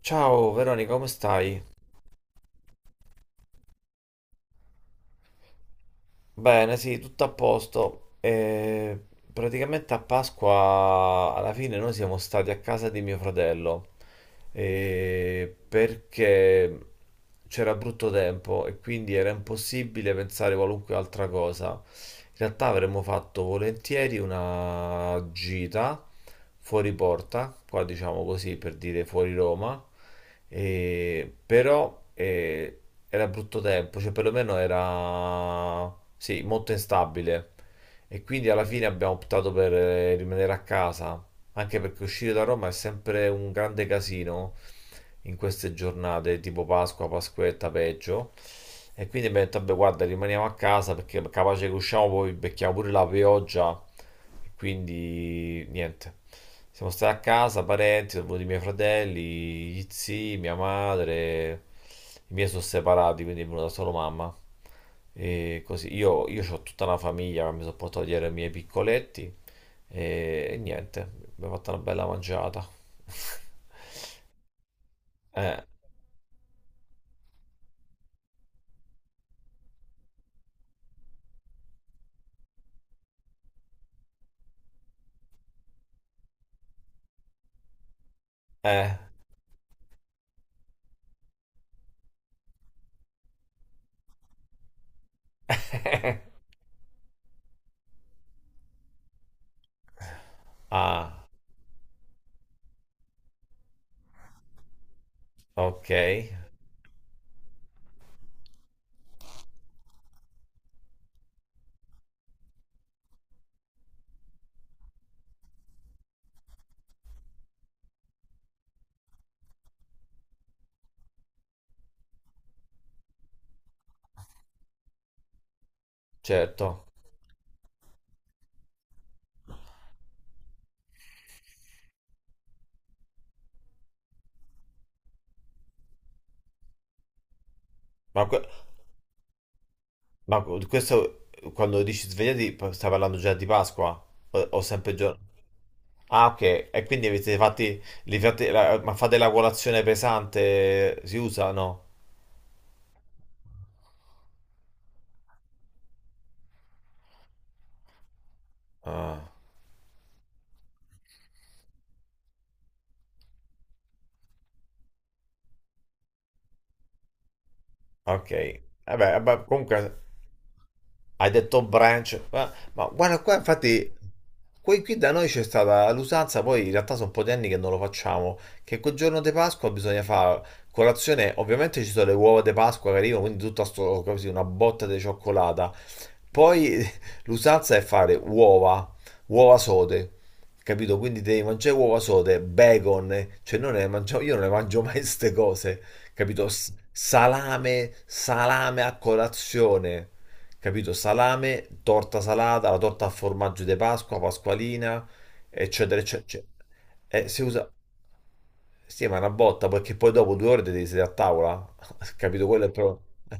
Ciao Veronica, come stai? Bene, sì, tutto a posto. E praticamente a Pasqua alla fine noi siamo stati a casa di mio fratello. Perché c'era brutto tempo e quindi era impossibile pensare qualunque altra cosa. In realtà avremmo fatto volentieri una gita fuori porta, qua diciamo così per dire fuori Roma, però era brutto tempo, cioè perlomeno era sì, molto instabile e quindi alla fine abbiamo optato per rimanere a casa. Anche perché uscire da Roma è sempre un grande casino in queste giornate, tipo Pasqua, Pasquetta, peggio. E quindi mi ha detto, vabbè, guarda, rimaniamo a casa perché capace che usciamo poi becchiamo pure la pioggia. E quindi niente. Siamo stati a casa, parenti, sono venuti i miei fratelli, gli zii, mia madre. I miei sono separati, quindi è venuta solo mamma. E così io ho tutta una famiglia che mi sono portato dietro i miei piccoletti. E niente, abbiamo fatto una bella mangiata. Eh, eh. Ah, ok, certo. Ma, que- ma questo quando dici svegliati stai parlando già di Pasqua? O sempre giorno? Ah, ok. E quindi avete fatti, ma fate la colazione pesante? Si usa? No. Ah. Ok, vabbè, vabbè, comunque hai detto branch, ma guarda qua, infatti, qui da noi c'è stata l'usanza, poi in realtà sono un po' di anni che non lo facciamo, che quel giorno di Pasqua bisogna fare colazione, ovviamente ci sono le uova di Pasqua che arrivano, quindi tutta sto, così, una botta di cioccolata, poi l'usanza è fare uova, uova sode, capito? Quindi devi mangiare uova sode, bacon, cioè non ne mangio, io non ne mangio mai queste cose, capito? Salame, salame a colazione, capito? Salame, torta salata, la torta a formaggio di Pasqua, Pasqualina, eccetera, eccetera, eccetera. Si usa... Sì, ma è una botta, perché poi dopo due ore devi sedere a tavola. Capito? Quello è proprio...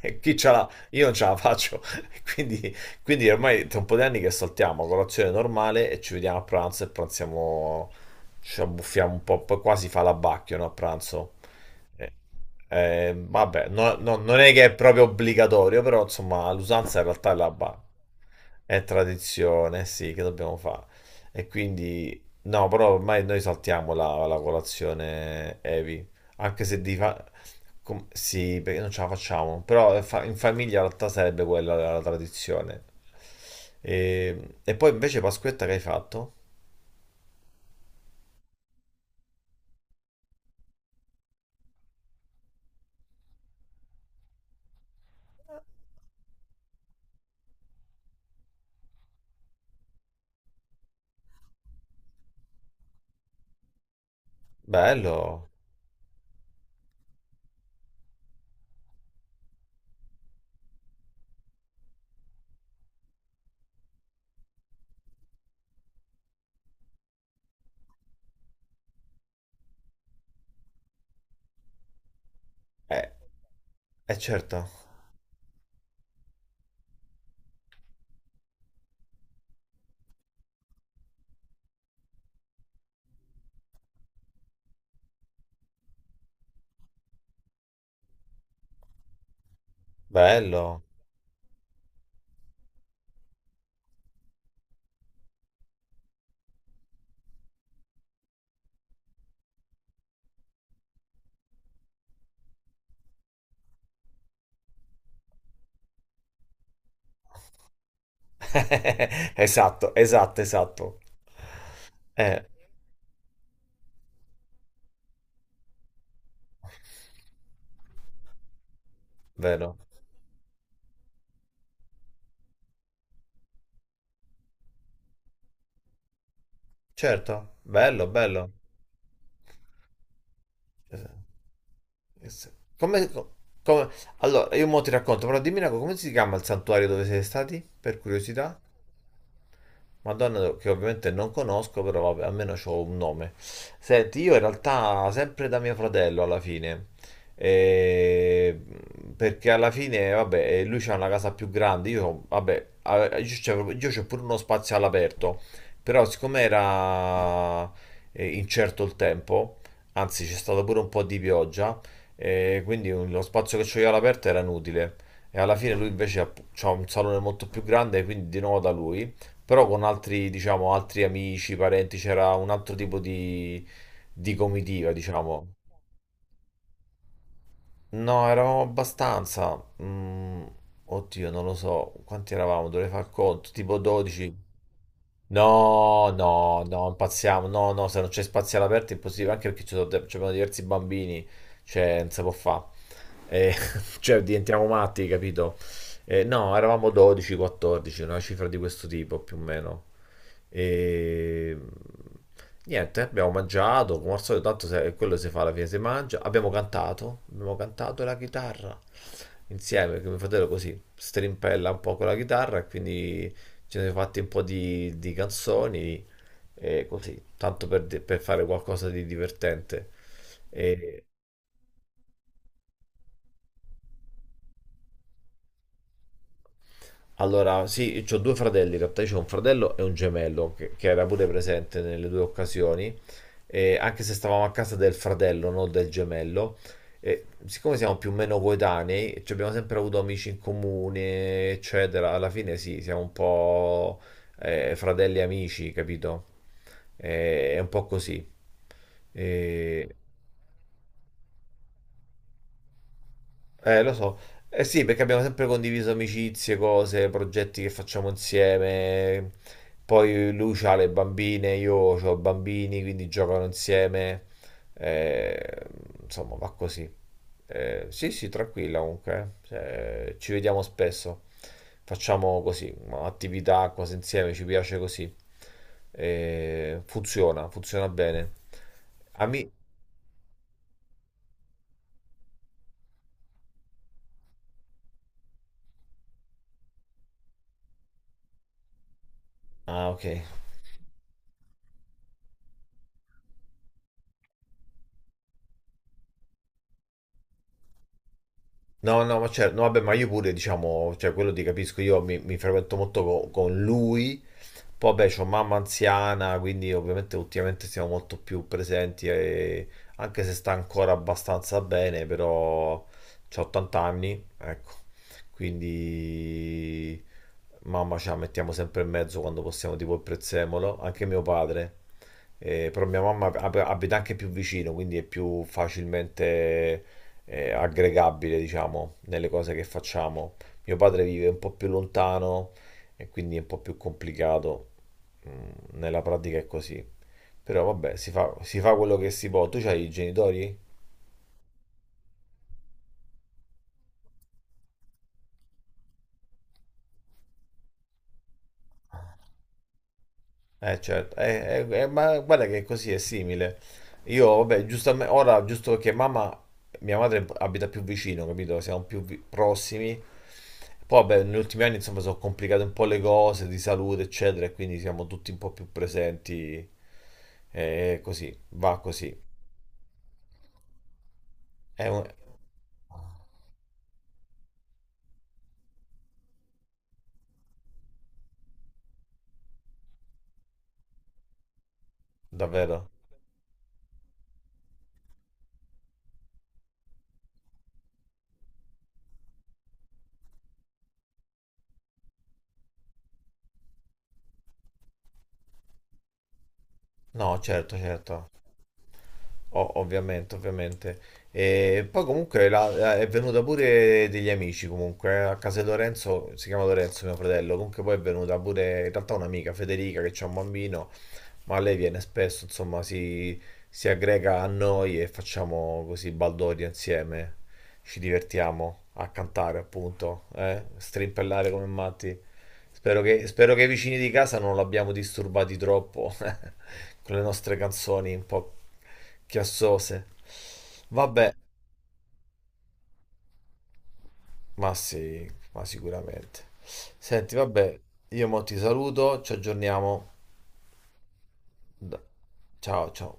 E chi ce l'ha? Io non ce la faccio. Quindi, quindi ormai tra un po' di anni che saltiamo colazione normale e ci vediamo a pranzo e pranziamo... Ci abbuffiamo un po', poi quasi fa l'abbacchio, no, a pranzo. Eh, vabbè, non è che è proprio obbligatorio, però insomma l'usanza in realtà è l'abbacchio. È tradizione, sì, che dobbiamo fare? E quindi no, però ormai noi saltiamo la colazione heavy, anche se di fa... Sì, perché non ce la facciamo, però in famiglia in realtà sarebbe quella la tradizione. E poi invece Pasquetta che hai fatto? Bello, eh, eh certo, bello. Esatto, esatto, esatto. Eh, vero. Certo, bello, bello. Come, come- Allora, io mo ti racconto, però dimmi una cosa, come si chiama il santuario dove siete stati? Per curiosità. Madonna, che ovviamente non conosco, però vabbè, almeno ho un nome. Senti, io in realtà sempre da mio fratello alla fine, eh, perché alla fine, vabbè, lui c'ha una casa più grande, io, vabbè, io c'ho pure uno spazio all'aperto, però siccome era incerto il tempo, anzi c'è stato pure un po' di pioggia, lo spazio che c'ho io all'aperto era inutile. E alla fine lui invece ha c'ha un salone molto più grande, quindi di nuovo da lui. Però con altri, diciamo, altri amici, parenti, c'era un altro tipo di comitiva, diciamo. No, eravamo abbastanza. mm, Oddio, non lo so. Quanti eravamo? Dovrei far conto. Tipo 12. No, no, no, impazziamo. No, no, se non c'è spazio all'aperto è impossibile, anche perché ci sono, ci abbiamo diversi bambini, cioè non si può fare. Cioè diventiamo matti, capito? No, eravamo 12, 14, una cifra di questo tipo più o meno. E... Niente, abbiamo mangiato, come al solito, tanto quello si fa alla fine, si mangia. Abbiamo cantato la chitarra insieme, che mio fratello così strimpella un po' con la chitarra e quindi ci siamo fatti un po' di canzoni e così, tanto per, per fare qualcosa di divertente. E allora, sì, ho due fratelli, in realtà io ho un fratello e un gemello che era pure presente nelle due occasioni, e anche se stavamo a casa del fratello, non del gemello. E siccome siamo più o meno coetanei, ci abbiamo sempre avuto amici in comune, eccetera, alla fine sì, siamo un po' fratelli e amici, capito? È un po' così. Eh, lo so. Eh sì, perché abbiamo sempre condiviso amicizie, cose, progetti che facciamo insieme. Poi lui ha le bambine, io ho bambini, quindi giocano insieme. Eh, insomma, va così. Sì, sì, tranquilla comunque. Eh. Cioè, ci vediamo spesso. Facciamo così, attività, cose insieme, ci piace così. Funziona, funziona bene. Ami- Ah, ok. No, no, ma certo, no, vabbè, ma io pure, diciamo, cioè quello ti capisco, io mi frequento molto con lui. Poi, beh, c'ho mamma anziana, quindi ovviamente ultimamente siamo molto più presenti, e- anche se sta ancora abbastanza bene, però c'ho 80 anni, ecco, quindi mamma ce la mettiamo sempre in mezzo quando possiamo, tipo il prezzemolo, anche mio padre. Però mia mamma abita anche più vicino, quindi è più facilmente aggregabile, diciamo, nelle cose che facciamo. Mio padre vive un po' più lontano e quindi è un po' più complicato. Mm, nella pratica è così. Però vabbè, si fa quello che si può. Tu c'hai i genitori? Eh certo, eh, ma guarda che così è simile. Io, vabbè, giustamente, ora giusto perché mamma, mia madre abita più vicino, capito? Siamo più prossimi. Poi, vabbè, negli ultimi anni, insomma, sono complicate un po' le cose di salute, eccetera, e quindi siamo tutti un po' più presenti. E così, va così. È un- Davvero? No, certo, certo. O- ovviamente, ovviamente. E poi comunque è venuta pure degli amici comunque, a casa di Lorenzo, si chiama Lorenzo mio fratello, comunque poi è venuta pure in realtà un'amica, Federica, che c'ha un bambino, ma lei viene spesso, insomma, si aggrega a noi e facciamo così baldoria insieme. Ci divertiamo a cantare, appunto, eh? Strimpellare come matti. Spero che i vicini di casa non l'abbiamo disturbati troppo con le nostre canzoni un po' chiassose. Vabbè, ma sì, ma sicuramente. Senti, vabbè, io mo ti saluto, ci aggiorniamo. Da- Ciao, ciao.